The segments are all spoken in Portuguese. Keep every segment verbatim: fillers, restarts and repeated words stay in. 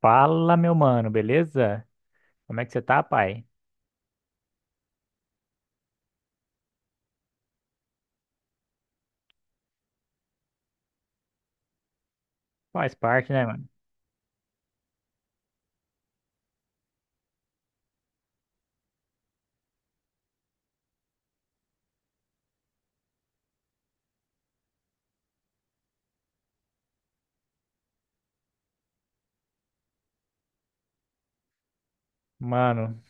Fala, meu mano, beleza? Como é que você tá, pai? Faz parte, né, mano? Mano,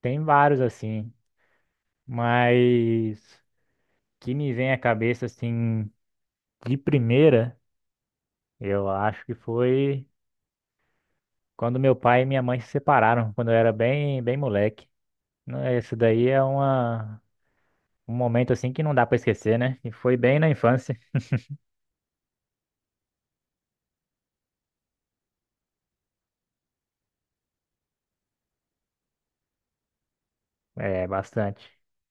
tem vários assim, mas que me vem à cabeça assim, de primeira, eu acho que foi quando meu pai e minha mãe se separaram, quando eu era bem, bem moleque. Não é. Isso daí é uma, um momento assim que não dá pra esquecer, né? E foi bem na infância, é, bastante.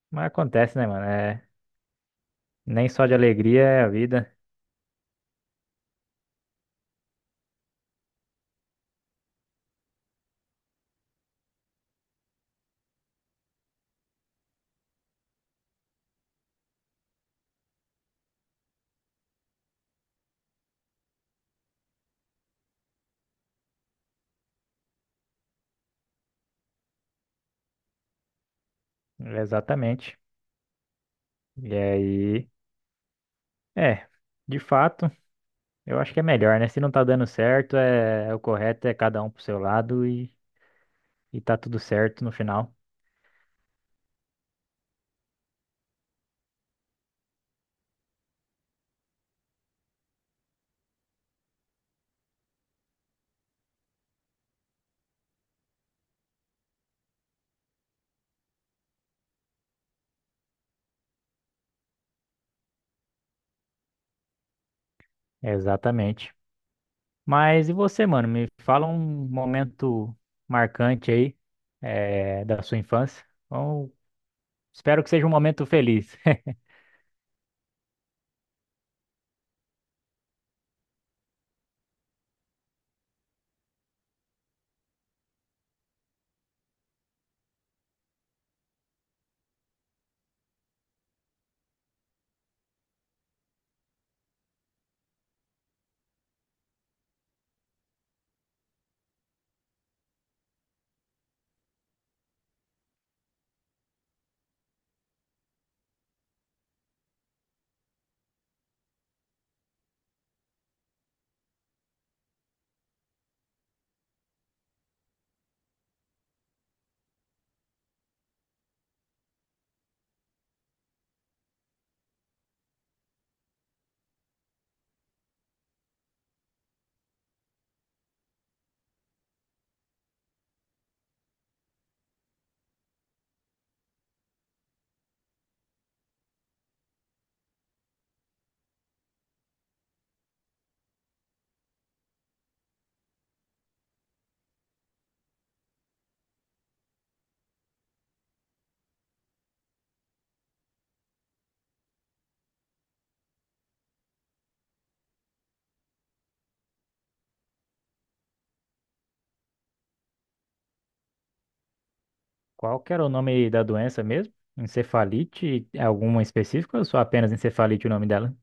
Mas acontece, né, mano? É, nem só de alegria é a vida, exatamente. E aí. É, de fato, eu acho que é melhor, né? Se não tá dando certo, é, é o correto é cada um pro seu lado e, e tá tudo certo no final. É, exatamente. Mas e você, mano? Me fala um momento marcante aí, é, da sua infância. Bom, espero que seja um momento feliz. Qual que era o nome da doença mesmo? Encefalite? Alguma específica ou só apenas encefalite o nome dela?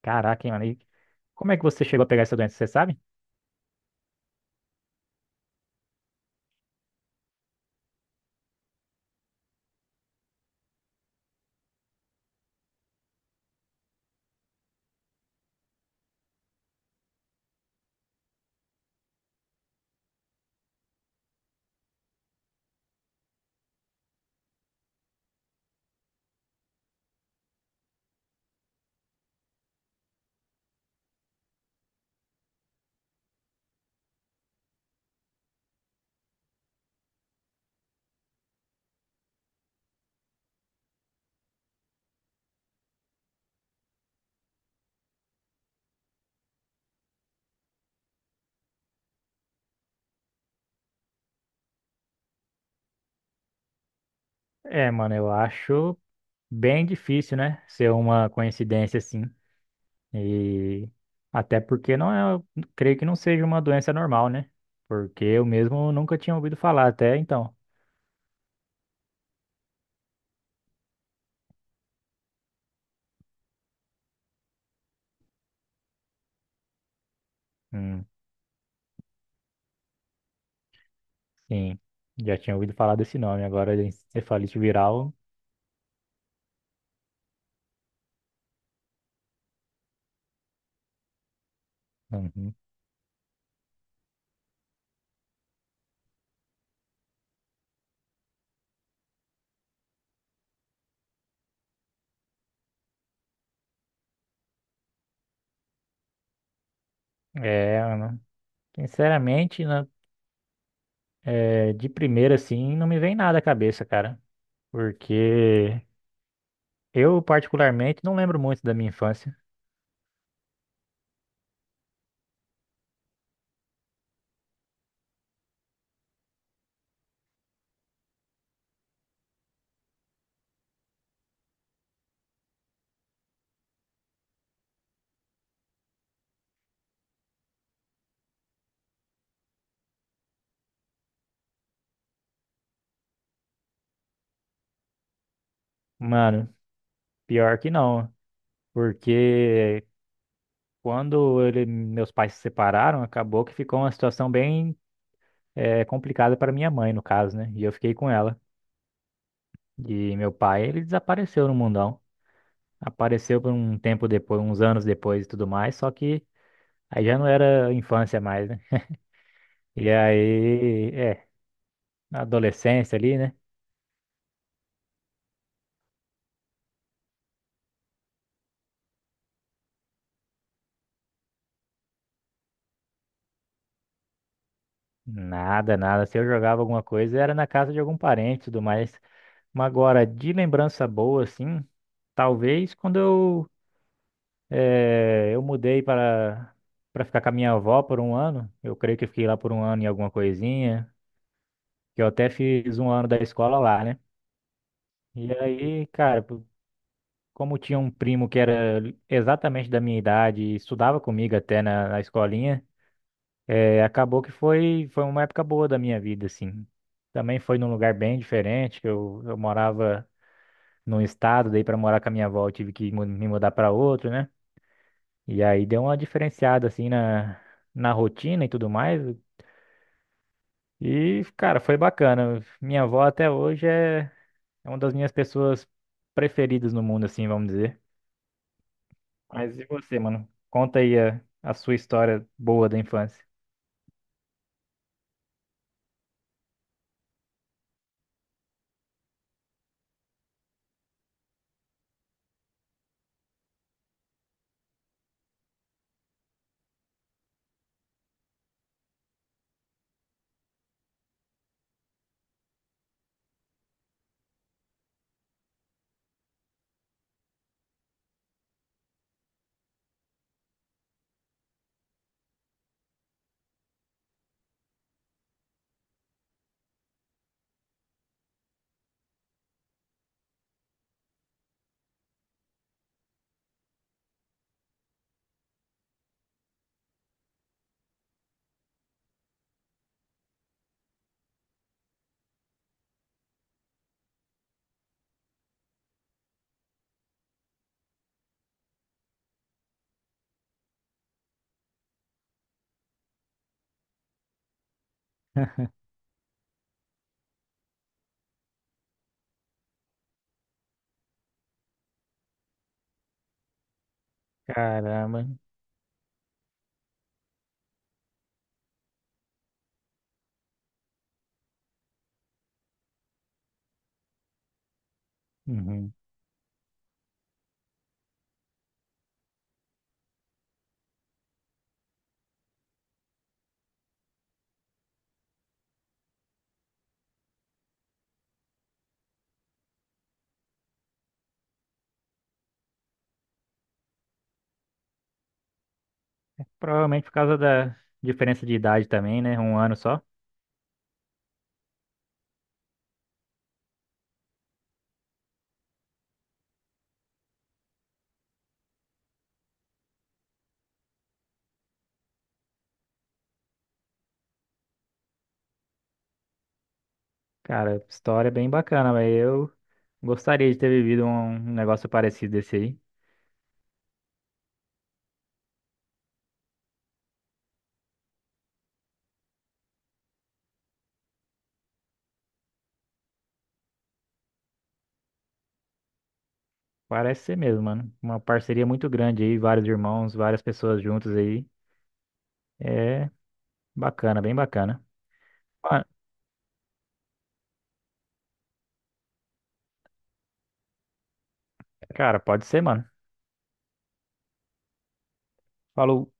Caraca, hein, mano? E como é que você chegou a pegar essa doença, você sabe? É, mano, eu acho. Bem difícil, né? Ser uma coincidência assim. E até porque não é, creio que não seja uma doença normal, né? Porque eu mesmo nunca tinha ouvido falar até então. Hum, sim, já tinha ouvido falar desse nome. Agora, encefalite viral. Uhum. É, né? Sinceramente, na- é, de primeira assim, não me vem nada à cabeça, cara. Porque eu, particularmente, não lembro muito da minha infância. Mano, pior que não. Porque Quando ele, meus pais se separaram, acabou que ficou uma situação bem eh, complicada para minha mãe, no caso, né? E eu fiquei com ela. E meu pai, ele desapareceu no mundão. Apareceu por um tempo depois, uns anos depois e tudo mais, só que aí já não era infância mais, né? E aí, é, na adolescência ali, né? Nada, nada. Se eu jogava alguma coisa, era na casa de algum parente e tudo mais. Mas agora, de lembrança boa, assim, talvez quando eu É, eu mudei para para ficar com a minha avó por um ano. Eu creio que eu fiquei lá por um ano em alguma coisinha, que eu até fiz um ano da escola lá, né? E aí, cara, p- como tinha um primo que era exatamente da minha idade e estudava comigo até na, na escolinha, é, acabou que foi foi uma época boa da minha vida, assim. Também foi num lugar bem diferente, que eu, eu morava num estado, daí para morar com a minha avó eu tive que mu- me mudar para outro, né? E aí deu uma diferenciada assim na, na rotina e tudo mais. E, cara, foi bacana. Minha avó até hoje é é uma das minhas pessoas preferidas no mundo, assim, vamos dizer. Mas e você, mano? Conta aí a, a sua história boa da infância. Caramba. Uhum. Provavelmente por causa da diferença de idade também, né? Um ano só. Cara, história bem bacana, mas eu gostaria de ter vivido um um negócio parecido desse aí. Parece ser mesmo, mano. Uma parceria muito grande aí, vários irmãos, várias pessoas juntas aí. É bacana, bem bacana. Ah, cara, pode ser, mano. Falou.